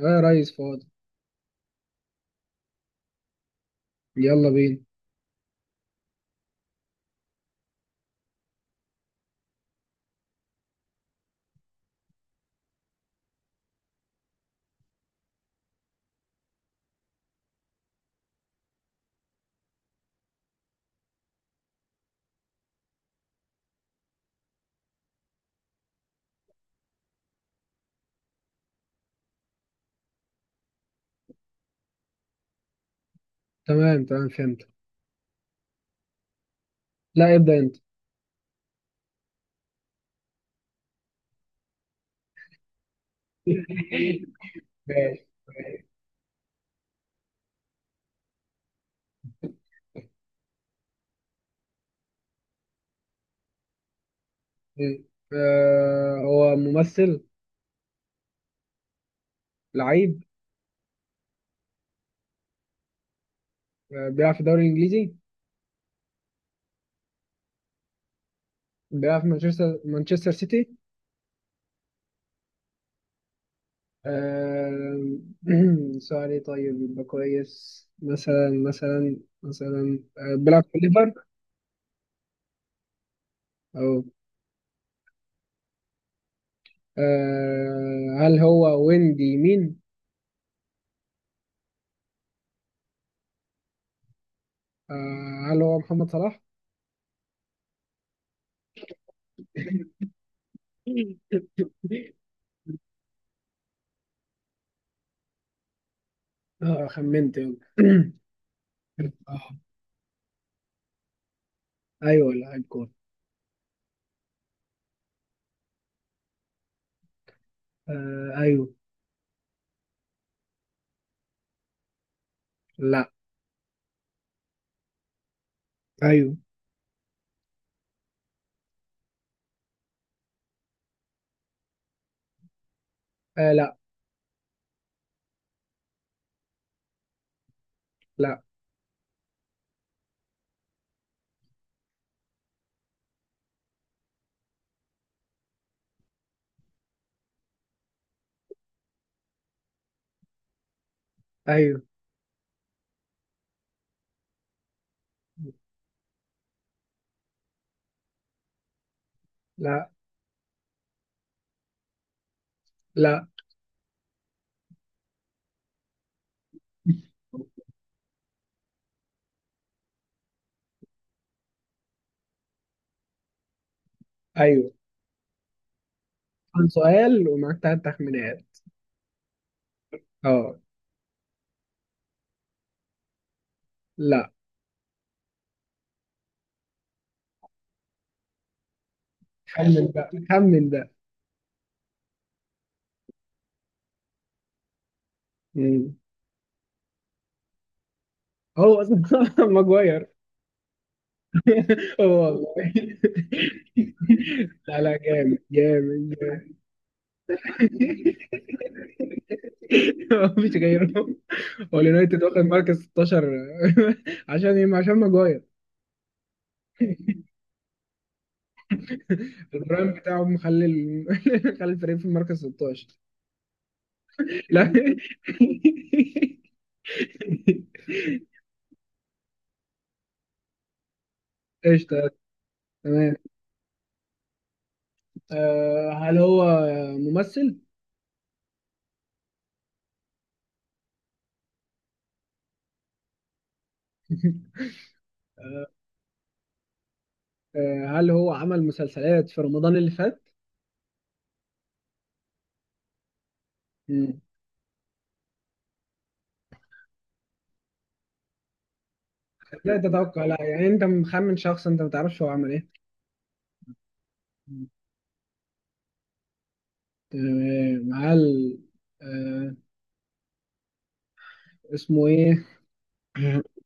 اه يا ريس فاضي. يلا بينا. تمام تمام فهمت. لا ابدأ انت. ماشي ماشي. آه هو ممثل. لعيب. آه بيلعب في الدوري الانجليزي. بيلعب في مانشستر سيتي. آه. سؤال ايه طيب يبقى كويس، مثلا بيلعب في ليفر. أو هل هو ويندي مين؟ هل هو محمد صلاح؟ خمنت، يلا. ايوه لاعب كورة. آه ايوه. لا. ايوه. لا. لا ايوه. لا. لا ايوه. كان سؤال ومعاك تلات تخمينات. اه. لا خمن بقى، خمن ده. مم. هو اصلا ماجواير. هو والله. لا لا، جامد جامد جامد. مفيش غيره. هو اليونايتد واخد مركز 16. عشان ايه؟ عشان ماجواير. البرايم بتاعه مخلي مخلي الفريق في المركز 16. لا. قشطة. تمام. هل هو ممثل؟ آه، هل هو عمل مسلسلات في رمضان اللي فات؟ مم. لا تتوقع لا، يعني انت مخمن شخص انت ما تعرفش هو عمل ايه. تمام. هل آه، اسمه ايه؟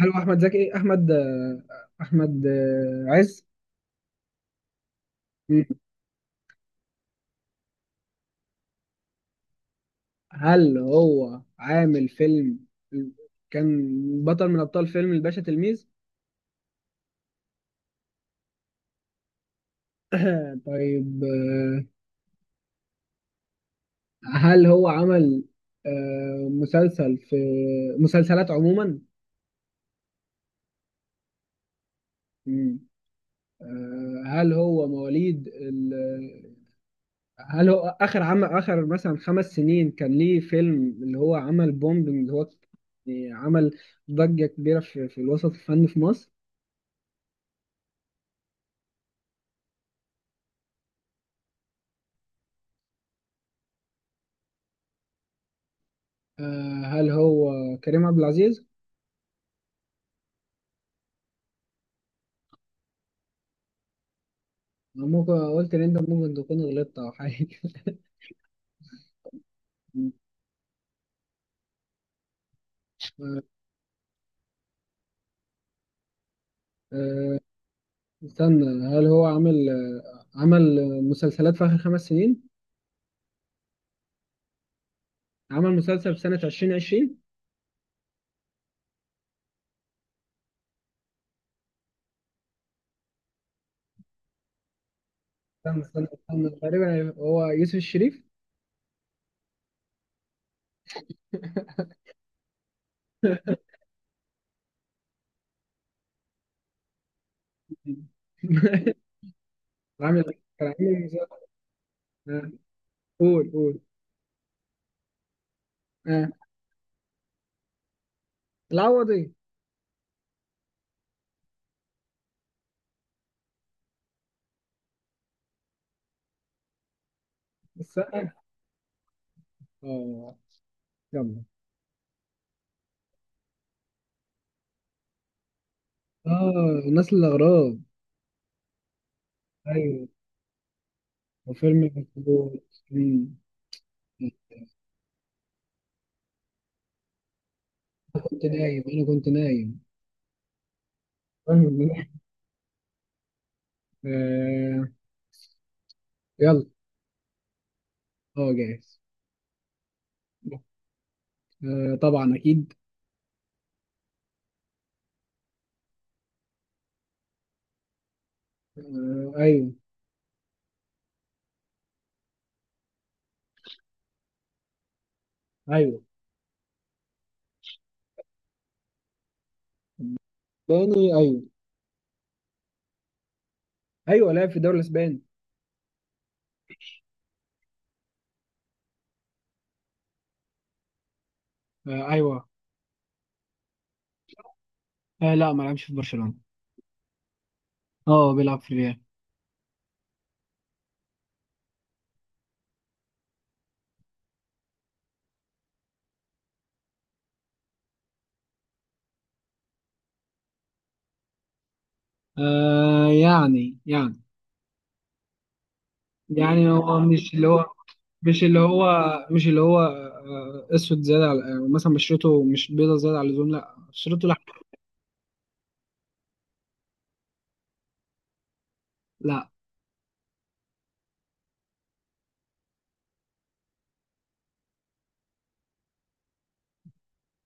هل هو احمد زكي؟ احمد آه، احمد آه، عز؟ مم. هل هو عامل فيلم، كان بطل من ابطال فيلم الباشا تلميذ؟ طيب هل هو عمل آه، مسلسل في مسلسلات عموما؟ مم. آه، هل هو مواليد ال... هل هو آخر عمل، آخر مثلا خمس سنين كان ليه فيلم اللي هو عمل بومب، اللي هو يعني عمل ضجة كبيرة في, في الوسط الفني في مصر؟ هل هو كريم عبد العزيز؟ أنا ممكن قلت إن أنت ممكن تكون غلطت أو حاجة. آه، آه، استنى. هل هو عمل مسلسلات في آخر خمس سنين؟ عمل مسلسل في سنة 2020. استنى استنى استنى، تقريبا هو يوسف الشريف. عامل إيه؟ كان عامل مسلسل. آه، قول قول. آه. العوضي. السقا. اه. يلا. اه. الناس الأغراب. ايوه وفيلم الكبير. أمم. انا كنت نايم، انا كنت نايم. آه. يلا. اه جاهز. آه طبعا اكيد. آه ايوه. ايوه اسباني ايوه. ايوه لعب في الدوري الاسباني. آه ايوه. آه لا ما لعبش في برشلونة. اه بيلعب في ريال. آه يعني يعني. يعني هو مش اللي هو مش اللي هو آه اسود زياده على، آه مثلا بشرته مش بيضه زياده على اللزوم، لا بشرته لا. لا.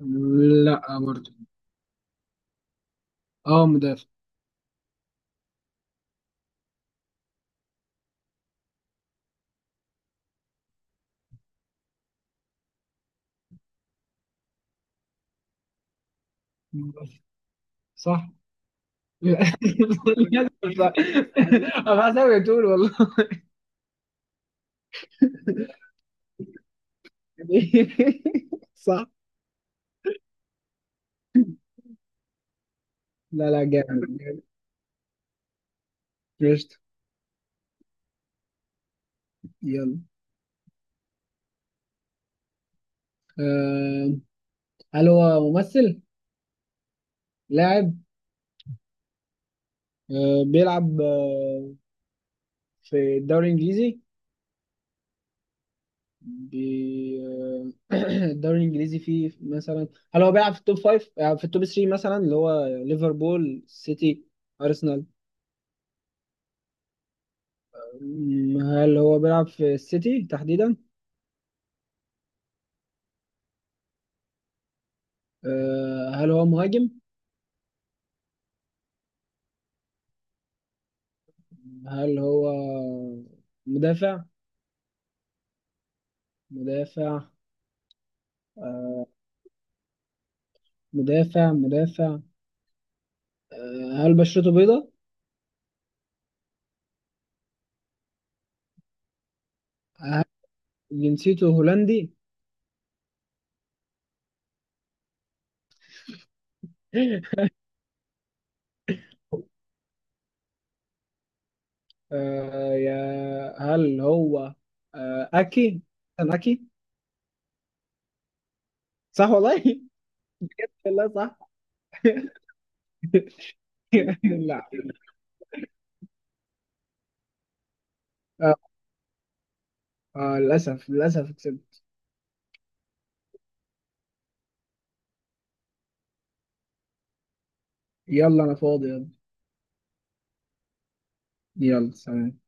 لا برضه. اه مدافع. صح. صح. انا حاسس بتقول والله. صح. لا لا جامد جامد. قشطة. يلا. آه هل هو ممثل؟ لاعب. آه، بيلعب آه، في الدوري الانجليزي. بي... آه، الدوري الانجليزي فيه مثلا، هل هو بيلعب في التوب فايف؟ في التوب 3 مثلا اللي هو ليفربول سيتي ارسنال. م، هل هو بيلعب في السيتي تحديدا؟ هل هو مهاجم؟ هل هو مدافع؟ مدافع. آه، مدافع. هل بشرته بيضاء؟ هل جنسيته هولندي؟ آه يا هل هو أكي؟ كان أكي. صح والله. لا صح. لا. آه للأسف، للأسف كسبت. يلا أنا فاضي يلا. يلا سلام.